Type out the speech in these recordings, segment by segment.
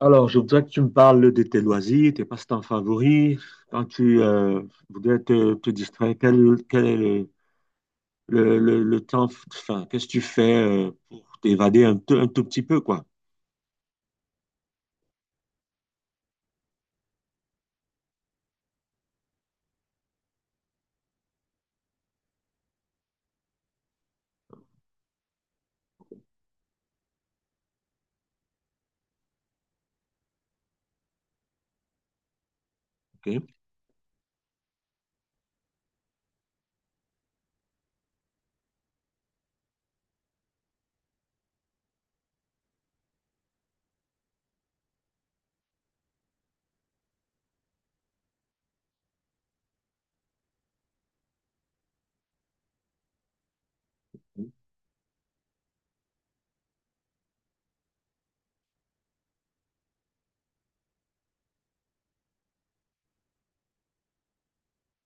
Alors, je voudrais que tu me parles de tes loisirs, tes passe-temps favoris. Quand tu voudrais te distraire, quel est le temps, enfin, qu'est-ce que tu fais pour t'évader un tout petit peu, quoi. Ok.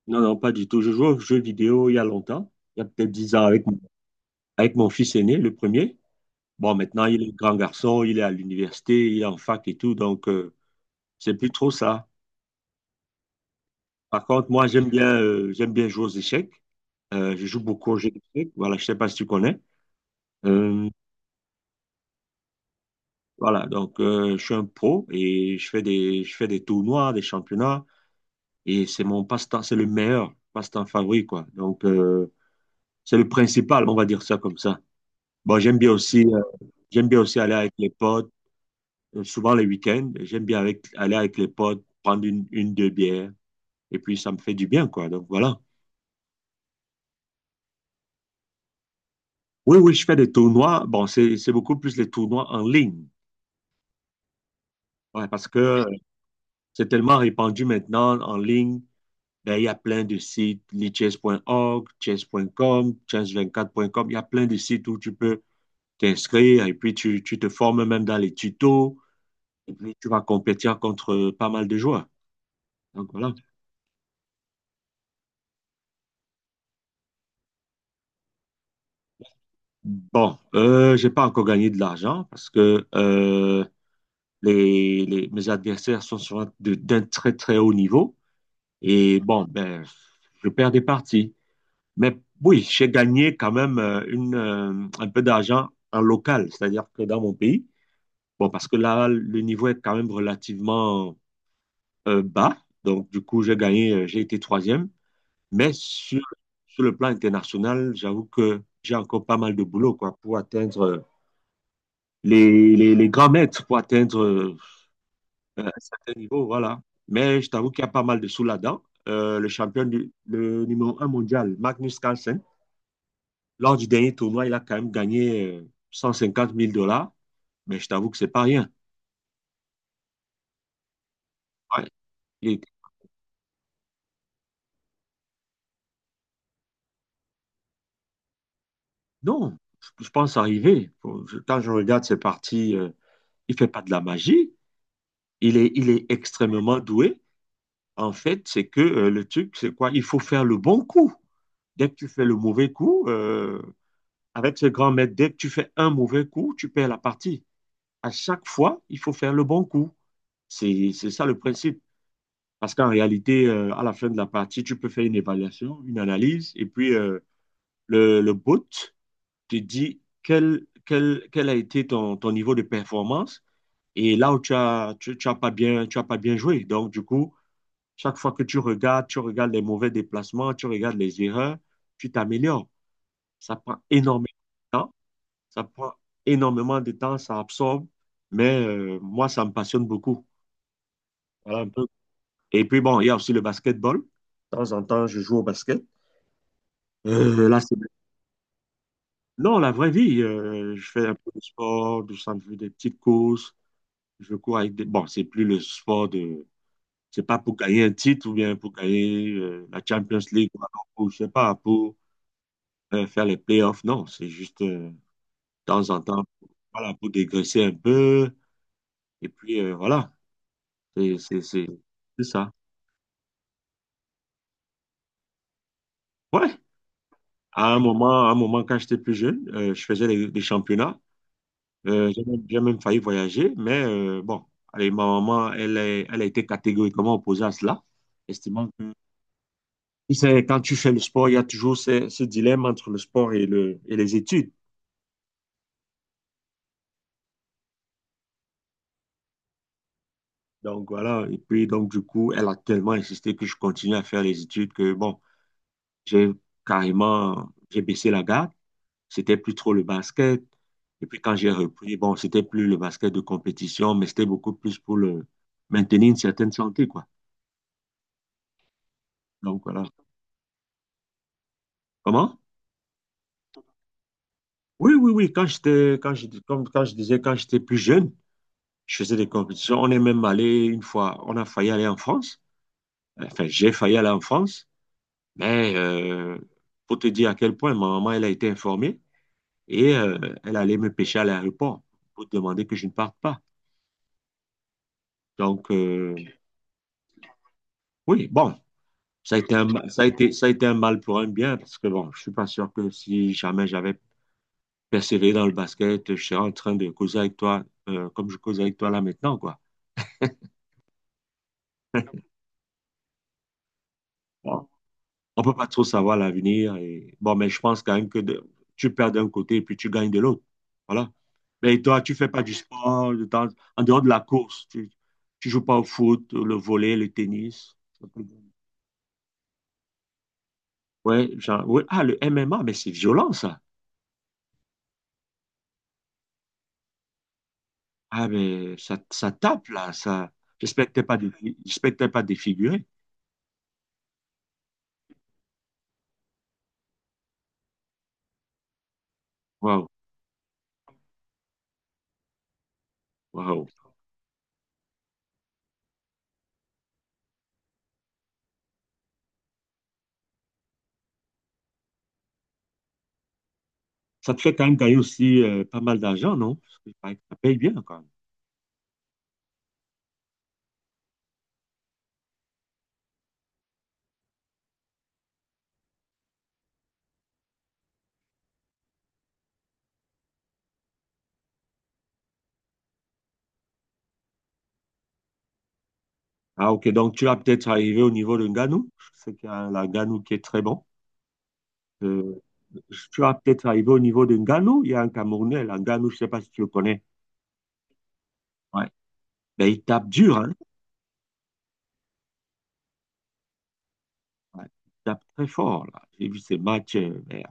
Non, non, pas du tout. Je joue aux jeux vidéo il y a longtemps, il y a peut-être 10 ans, avec mon fils aîné, le premier. Bon, maintenant, il est grand garçon, il est à l'université, il est en fac et tout, donc c'est plus trop ça. Par contre, moi, j'aime bien jouer aux échecs. Je joue beaucoup aux jeux d'échecs. Voilà, je sais pas si tu connais. Euh, voilà, donc je suis un pro et je fais des tournois, des championnats et c'est mon passe-temps, c'est le meilleur passe-temps favori, quoi. Donc c'est le principal, on va dire ça comme ça. Bon, j'aime bien aussi aller avec les potes, souvent les week-ends, j'aime bien aller avec les potes, prendre une, deux bières et puis ça me fait du bien, quoi. Donc voilà. Oui, oui, je fais des tournois. Bon, c'est beaucoup plus les tournois en ligne. Ouais, parce que c'est tellement répandu maintenant en ligne. Ben, il y a plein de sites, lichess.org, chess.com, chess24.com, il y a plein de sites où tu peux t'inscrire et puis tu te formes même dans les tutos et puis tu vas compétir contre pas mal de joueurs. Donc voilà. Bon, j'ai pas encore gagné de l'argent parce que mes adversaires sont souvent d'un très très haut niveau et bon, ben, je perds des parties. Mais oui, j'ai gagné quand même un peu d'argent en local, c'est-à-dire que dans mon pays. Bon, parce que là, le niveau est quand même relativement bas. Donc, du coup, j'ai été troisième. Mais sur le plan international, j'avoue que j'ai encore pas mal de boulot, quoi, pour atteindre les grands maîtres, pour atteindre un certain niveau, voilà. Mais je t'avoue qu'il y a pas mal de sous là-dedans. Le champion, le numéro un mondial, Magnus Carlsen, lors du dernier tournoi, il a quand même gagné 150 000 dollars. Mais je t'avoue que c'est pas rien. Ouais. Il est. Non, je pense arriver. Quand je regarde ses parties, il fait pas de la magie. Il est extrêmement doué. En fait, c'est que le truc, c'est quoi? Il faut faire le bon coup. Dès que tu fais le mauvais coup, avec ce grand maître, dès que tu fais un mauvais coup, tu perds la partie. À chaque fois, il faut faire le bon coup. C'est ça le principe. Parce qu'en réalité, à la fin de la partie, tu peux faire une évaluation, une analyse, et puis le bot te dis quel a été ton niveau de performance et là où tu as, tu as pas bien, tu as pas bien joué. Donc, du coup, chaque fois que tu regardes les mauvais déplacements, tu regardes les erreurs, tu t'améliores. Ça prend énormément de temps, ça prend énormément de temps, ça absorbe, mais moi, ça me passionne beaucoup. Voilà un peu. Et puis, bon, il y a aussi le basketball. De temps en temps, je joue au basket. Là, c'est… Non, la vraie vie, je fais un peu de sport, des petites courses. Je cours avec des… Bon, c'est plus le sport de… C'est pas pour gagner un titre ou bien pour gagner la Champions League ou alors pour, je sais pas, pour faire les playoffs. Non, c'est juste de temps en temps, voilà, pour dégraisser un peu. Et puis, voilà, c'est c'est- c'est- c'est ça. Ouais, à un moment quand j'étais plus jeune, je faisais les championnats. J'ai même failli voyager, mais bon, allez, ma maman, elle a été catégoriquement opposée à cela, estimant que. Tu sais, quand tu fais le sport, il y a toujours ce dilemme entre le sport et les études. Donc voilà, et puis donc du coup, elle a tellement insisté que je continue à faire les études que bon, j'ai j'ai baissé la garde. C'était plus trop le basket. Et puis quand j'ai repris, bon, c'était plus le basket de compétition, mais c'était beaucoup plus pour le maintenir une certaine santé, quoi. Donc voilà. Comment? Oui, oui, oui. Quand j'étais, quand je, comme, quand je disais, quand j'étais plus jeune, je faisais des compétitions. On est même allé une fois, on a failli aller en France. Enfin, j'ai failli aller en France, mais pour te dire à quel point ma maman, elle a été informée et elle allait me pêcher à l'aéroport pour demander que je ne parte pas. Donc, oui, bon, ça a été un, ma- ça a été un mal pour un bien parce que bon, je suis pas sûr que si jamais j'avais persévéré dans le basket, je serais en train de causer avec toi comme je cause avec toi là maintenant, quoi. Bon, on peut pas trop savoir l'avenir. Et… Bon, mais je pense quand même que tu perds d'un côté et puis tu gagnes de l'autre. Voilà. Mais toi, tu fais pas du sport en dehors de la course. Tu joues pas au foot, le volley, le tennis. Ouais, genre, ouais. Ah, le MMA, mais c'est violent, ça. Ah, mais ça tape, là. Ça… J'espère que t'es pas, dé- j'espère que t'es pas défiguré. Waouh, waouh. Ça te fait quand même gagner aussi pas mal d'argent, non? Parce que, pareil, ça paye bien, quoi. Ah, ok. Donc, tu vas peut-être arriver au niveau de Ngannou. Je sais qu'il y a un Ngannou qui est très bon. Euh, tu vas peut-être arriver au niveau de Ngannou. Il y a un Camerounais, là, Ngannou, je ne sais pas si tu le connais. Ouais. Ben, il tape dur, hein. Ouais. Il tape très fort, là. J'ai vu ses matchs. Ben,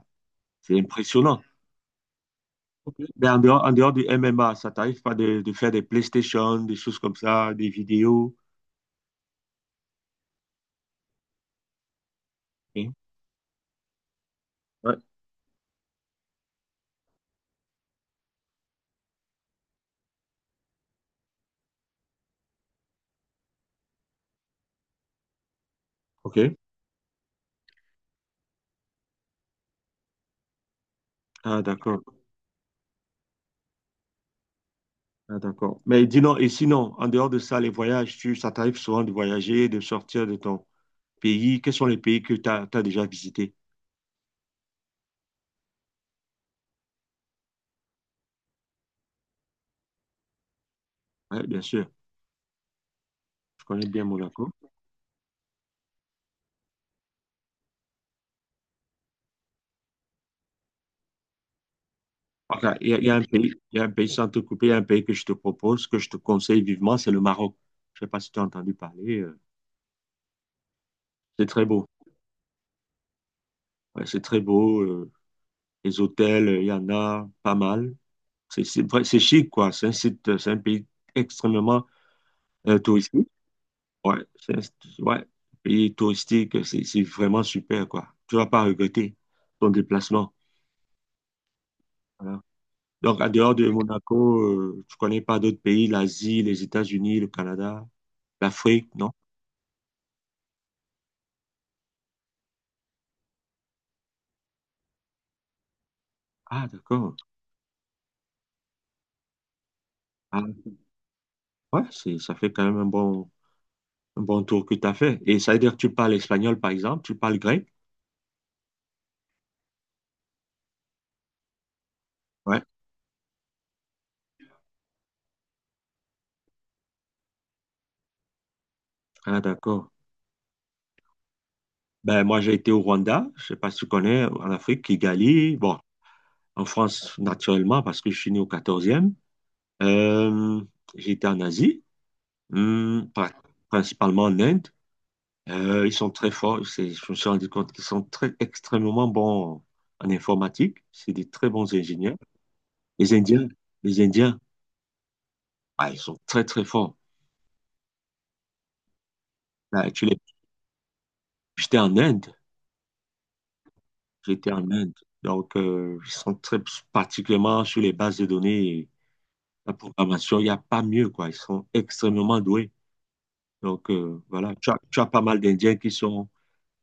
c'est impressionnant. Ok. Ben, en dehors du MMA, ça t'arrive pas de faire des PlayStation, des choses comme ça, des vidéos. Ok. Ouais. Ok. Ah, d'accord. Ah, d'accord. Mais dis non et sinon, en dehors de ça, les voyages, ça t'arrive souvent de voyager, de sortir de ton, pays, quels sont les pays que tu as, déjà visités? Ouais, bien sûr, je connais bien Monaco. Ok, il y a un pays, il y a un pays sans te couper, il y a un pays que je te propose, que je te conseille vivement, c'est le Maroc. Je ne sais pas si tu as entendu parler. C'est très beau. Ouais, c'est très beau. Les hôtels, il y en a pas mal. C'est vrai, c'est chic, quoi. C'est un pays extrêmement touristique. Ouais, c'est un ouais, pays touristique, c'est vraiment super, quoi. Tu vas pas regretter ton déplacement. Euh, Donc, en dehors de Monaco, tu connais pas d'autres pays, l'Asie, les États-Unis, le Canada, l'Afrique, non? Ah, d'accord. Ah, ouais, ça fait quand même un bon tour que tu as fait. Et ça veut dire que tu parles espagnol, par exemple, tu parles grec? Ouais. Ah, d'accord. Ben, moi, j'ai été au Rwanda, je sais pas si tu connais, en Afrique, Kigali, bon, en France, naturellement, parce que je suis né au 14e. E j'ai été en Asie, hum, pra- principalement en Inde. Ils sont très forts. Je me suis rendu compte qu'ils sont très extrêmement bons en informatique. C'est des très bons ingénieurs. Les Indiens, les Indiens, ah, ils sont très très forts. Là, tu les-. J'étais en Inde, j'étais en Inde. Donc, ils sont très particulièrement sur les bases de données et la programmation. Il n'y a pas mieux, quoi. Ils sont extrêmement doués. Donc, voilà. Tu as pas mal d'Indiens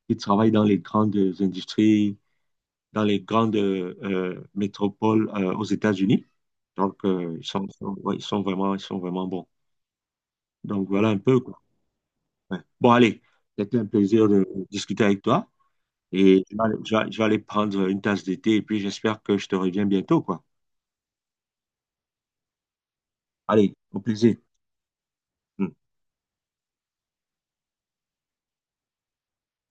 qui travaillent industries, dans les grandes métropoles aux États-Unis. Donc, ouais, ils sont vraiment bons. Donc, voilà un peu, quoi. Ouais. Bon, allez, c'était un plaisir de discuter avec toi. Et je vais aller prendre une tasse d'été et puis j'espère que je te reviens bientôt, quoi. Allez, au plaisir. Mm.